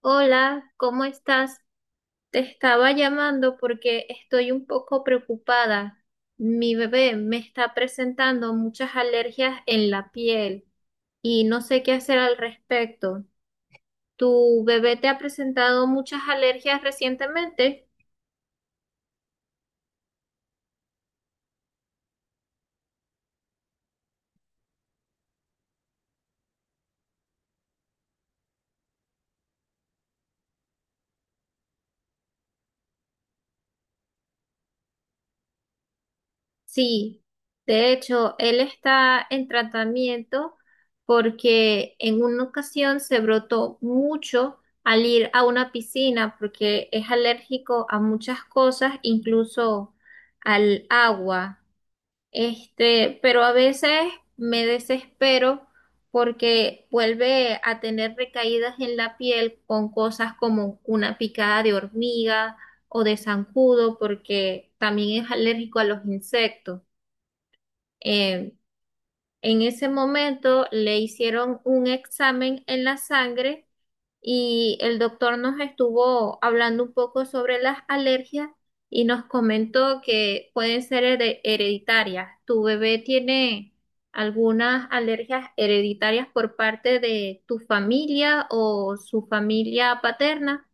Hola, ¿cómo estás? Te estaba llamando porque estoy un poco preocupada. Mi bebé me está presentando muchas alergias en la piel y no sé qué hacer al respecto. ¿Tu bebé te ha presentado muchas alergias recientemente? Sí, de hecho, él está en tratamiento porque en una ocasión se brotó mucho al ir a una piscina porque es alérgico a muchas cosas, incluso al agua. Pero a veces me desespero porque vuelve a tener recaídas en la piel con cosas como una picada de hormiga o de zancudo porque también es alérgico a los insectos. Eh, en ese momento le hicieron un examen en la sangre y el doctor nos estuvo hablando un poco sobre las alergias y nos comentó que pueden ser hereditarias. ¿Tu bebé tiene algunas alergias hereditarias por parte de tu familia o su familia paterna?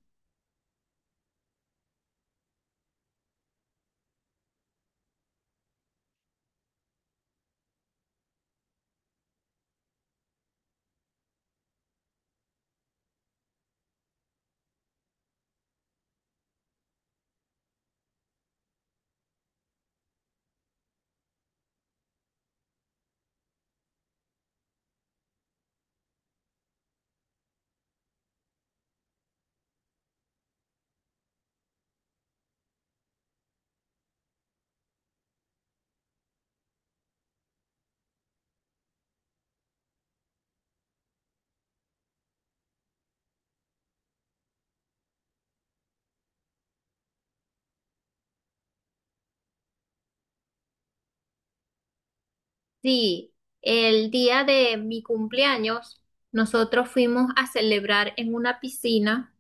Sí, el día de mi cumpleaños nosotros fuimos a celebrar en una piscina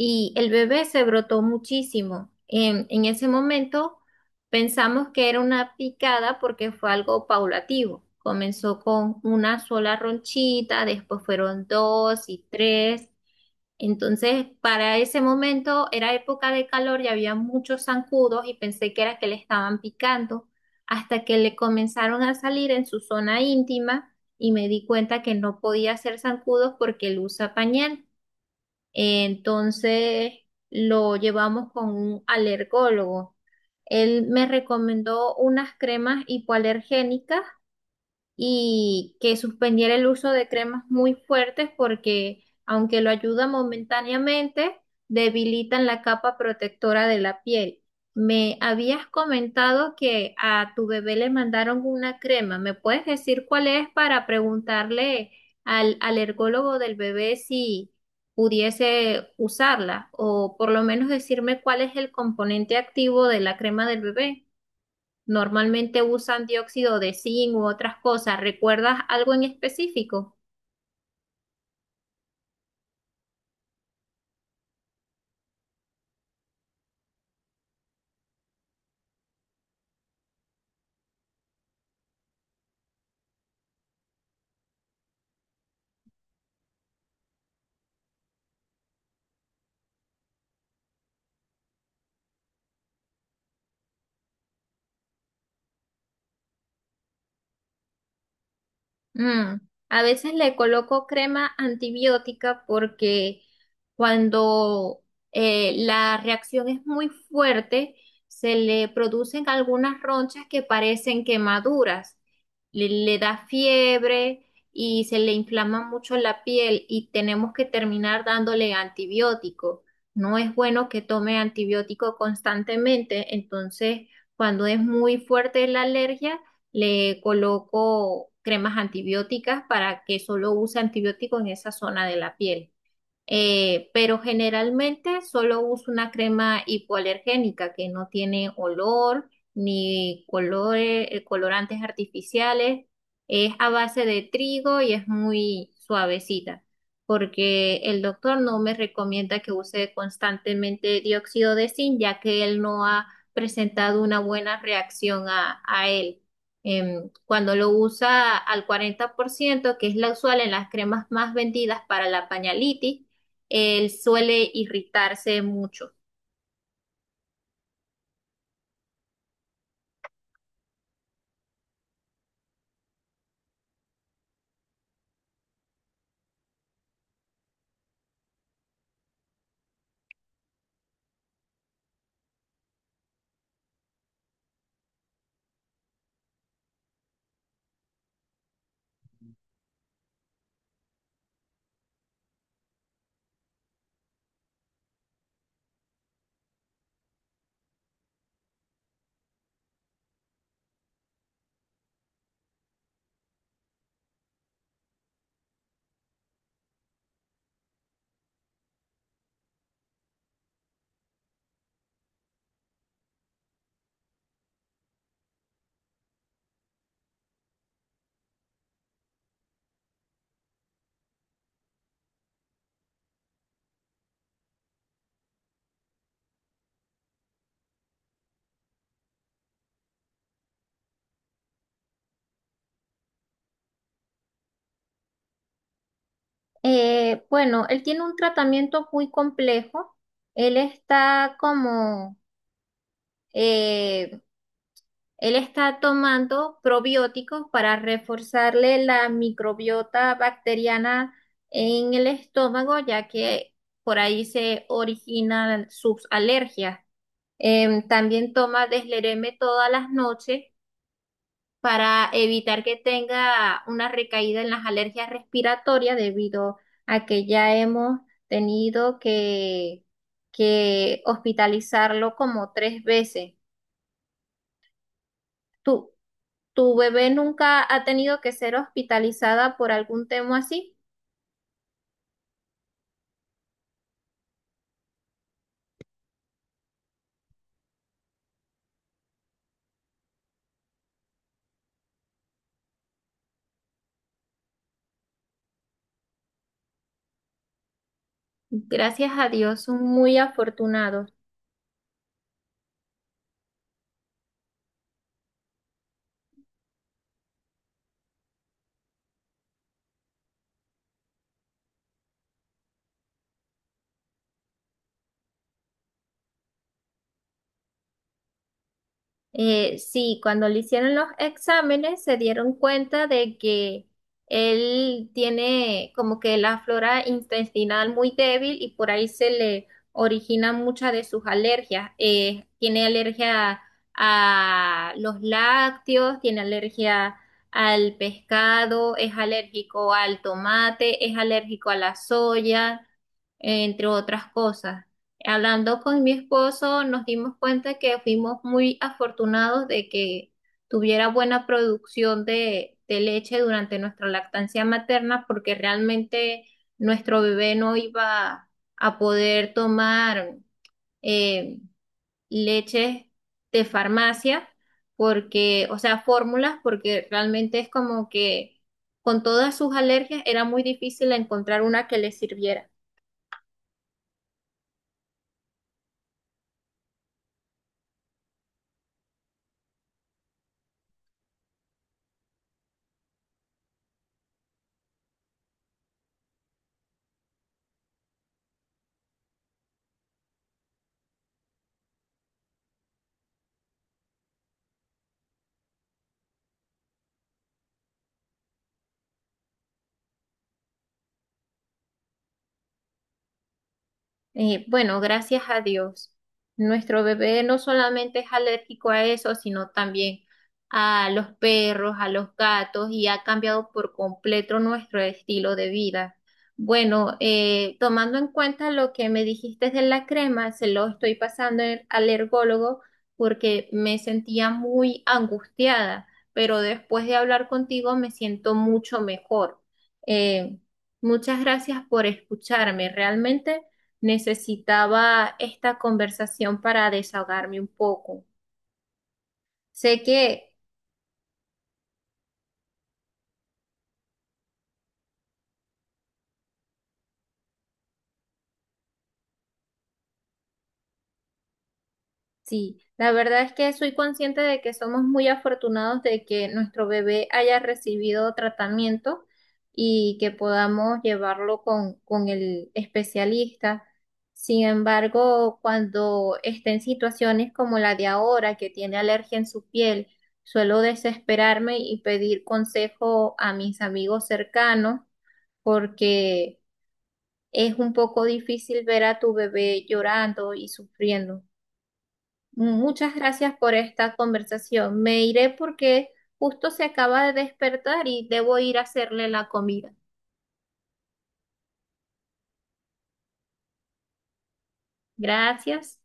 y el bebé se brotó muchísimo. En ese momento pensamos que era una picada porque fue algo paulativo. Comenzó con una sola ronchita, después fueron dos y tres. Entonces, para ese momento era época de calor y había muchos zancudos y pensé que era que le estaban picando hasta que le comenzaron a salir en su zona íntima y me di cuenta que no podía hacer zancudos porque él usa pañal. Entonces lo llevamos con un alergólogo. Él me recomendó unas cremas hipoalergénicas y que suspendiera el uso de cremas muy fuertes porque, aunque lo ayuda momentáneamente, debilitan la capa protectora de la piel. Me habías comentado que a tu bebé le mandaron una crema. ¿Me puedes decir cuál es para preguntarle al alergólogo del bebé si pudiese usarla o por lo menos decirme cuál es el componente activo de la crema del bebé? Normalmente usan dióxido de zinc u otras cosas. ¿Recuerdas algo en específico? Mm, A veces le coloco crema antibiótica porque cuando la reacción es muy fuerte, se le producen algunas ronchas que parecen quemaduras. Le da fiebre y se le inflama mucho la piel y tenemos que terminar dándole antibiótico. No es bueno que tome antibiótico constantemente, entonces cuando es muy fuerte la alergia, le coloco cremas antibióticas para que solo use antibiótico en esa zona de la piel. Pero generalmente solo uso una crema hipoalergénica que no tiene olor ni colorantes artificiales. Es a base de trigo y es muy suavecita, porque el doctor no me recomienda que use constantemente dióxido de zinc, ya que él no ha presentado una buena reacción a él. Cuando lo usa al 40%, que es la usual en las cremas más vendidas para la pañalitis, él suele irritarse mucho. Bueno, él tiene un tratamiento muy complejo. Él está como, eh, él está tomando probióticos para reforzarle la microbiota bacteriana en el estómago, ya que por ahí se originan sus alergias. También toma deslereme todas las noches para evitar que tenga una recaída en las alergias respiratorias debido a que ya hemos tenido que hospitalizarlo como tres veces. ¿Tu, tu bebé nunca ha tenido que ser hospitalizada por algún tema así? Gracias a Dios, son muy afortunados. Sí, cuando le hicieron los exámenes se dieron cuenta de que él tiene como que la flora intestinal muy débil y por ahí se le originan muchas de sus alergias. Tiene alergia a los lácteos, tiene alergia al pescado, es alérgico al tomate, es alérgico a la soya, entre otras cosas. Hablando con mi esposo, nos dimos cuenta que fuimos muy afortunados de que tuviera buena producción de leche durante nuestra lactancia materna, porque realmente nuestro bebé no iba a poder tomar eh, leches de farmacia, porque, o sea, fórmulas, porque realmente es como que con todas sus alergias era muy difícil encontrar una que le sirviera. Bueno, gracias a Dios. Nuestro bebé no solamente es alérgico a eso, sino también a los perros, a los gatos, y ha cambiado por completo nuestro estilo de vida. Bueno, tomando en cuenta lo que me dijiste de la crema, se lo estoy pasando al ergólogo porque me sentía muy angustiada, pero después de hablar contigo me siento mucho mejor. Eh, Muchas gracias por escucharme. Realmente necesitaba esta conversación para desahogarme un poco. Sé que sí, la verdad es que soy consciente de que somos muy afortunados de que nuestro bebé haya recibido tratamiento y que podamos llevarlo con el especialista. Sin embargo, cuando esté en situaciones como la de ahora, que tiene alergia en su piel, suelo desesperarme y pedir consejo a mis amigos cercanos porque es un poco difícil ver a tu bebé llorando y sufriendo. Muchas gracias por esta conversación. Me iré porque justo se acaba de despertar y debo ir a hacerle la comida. Gracias.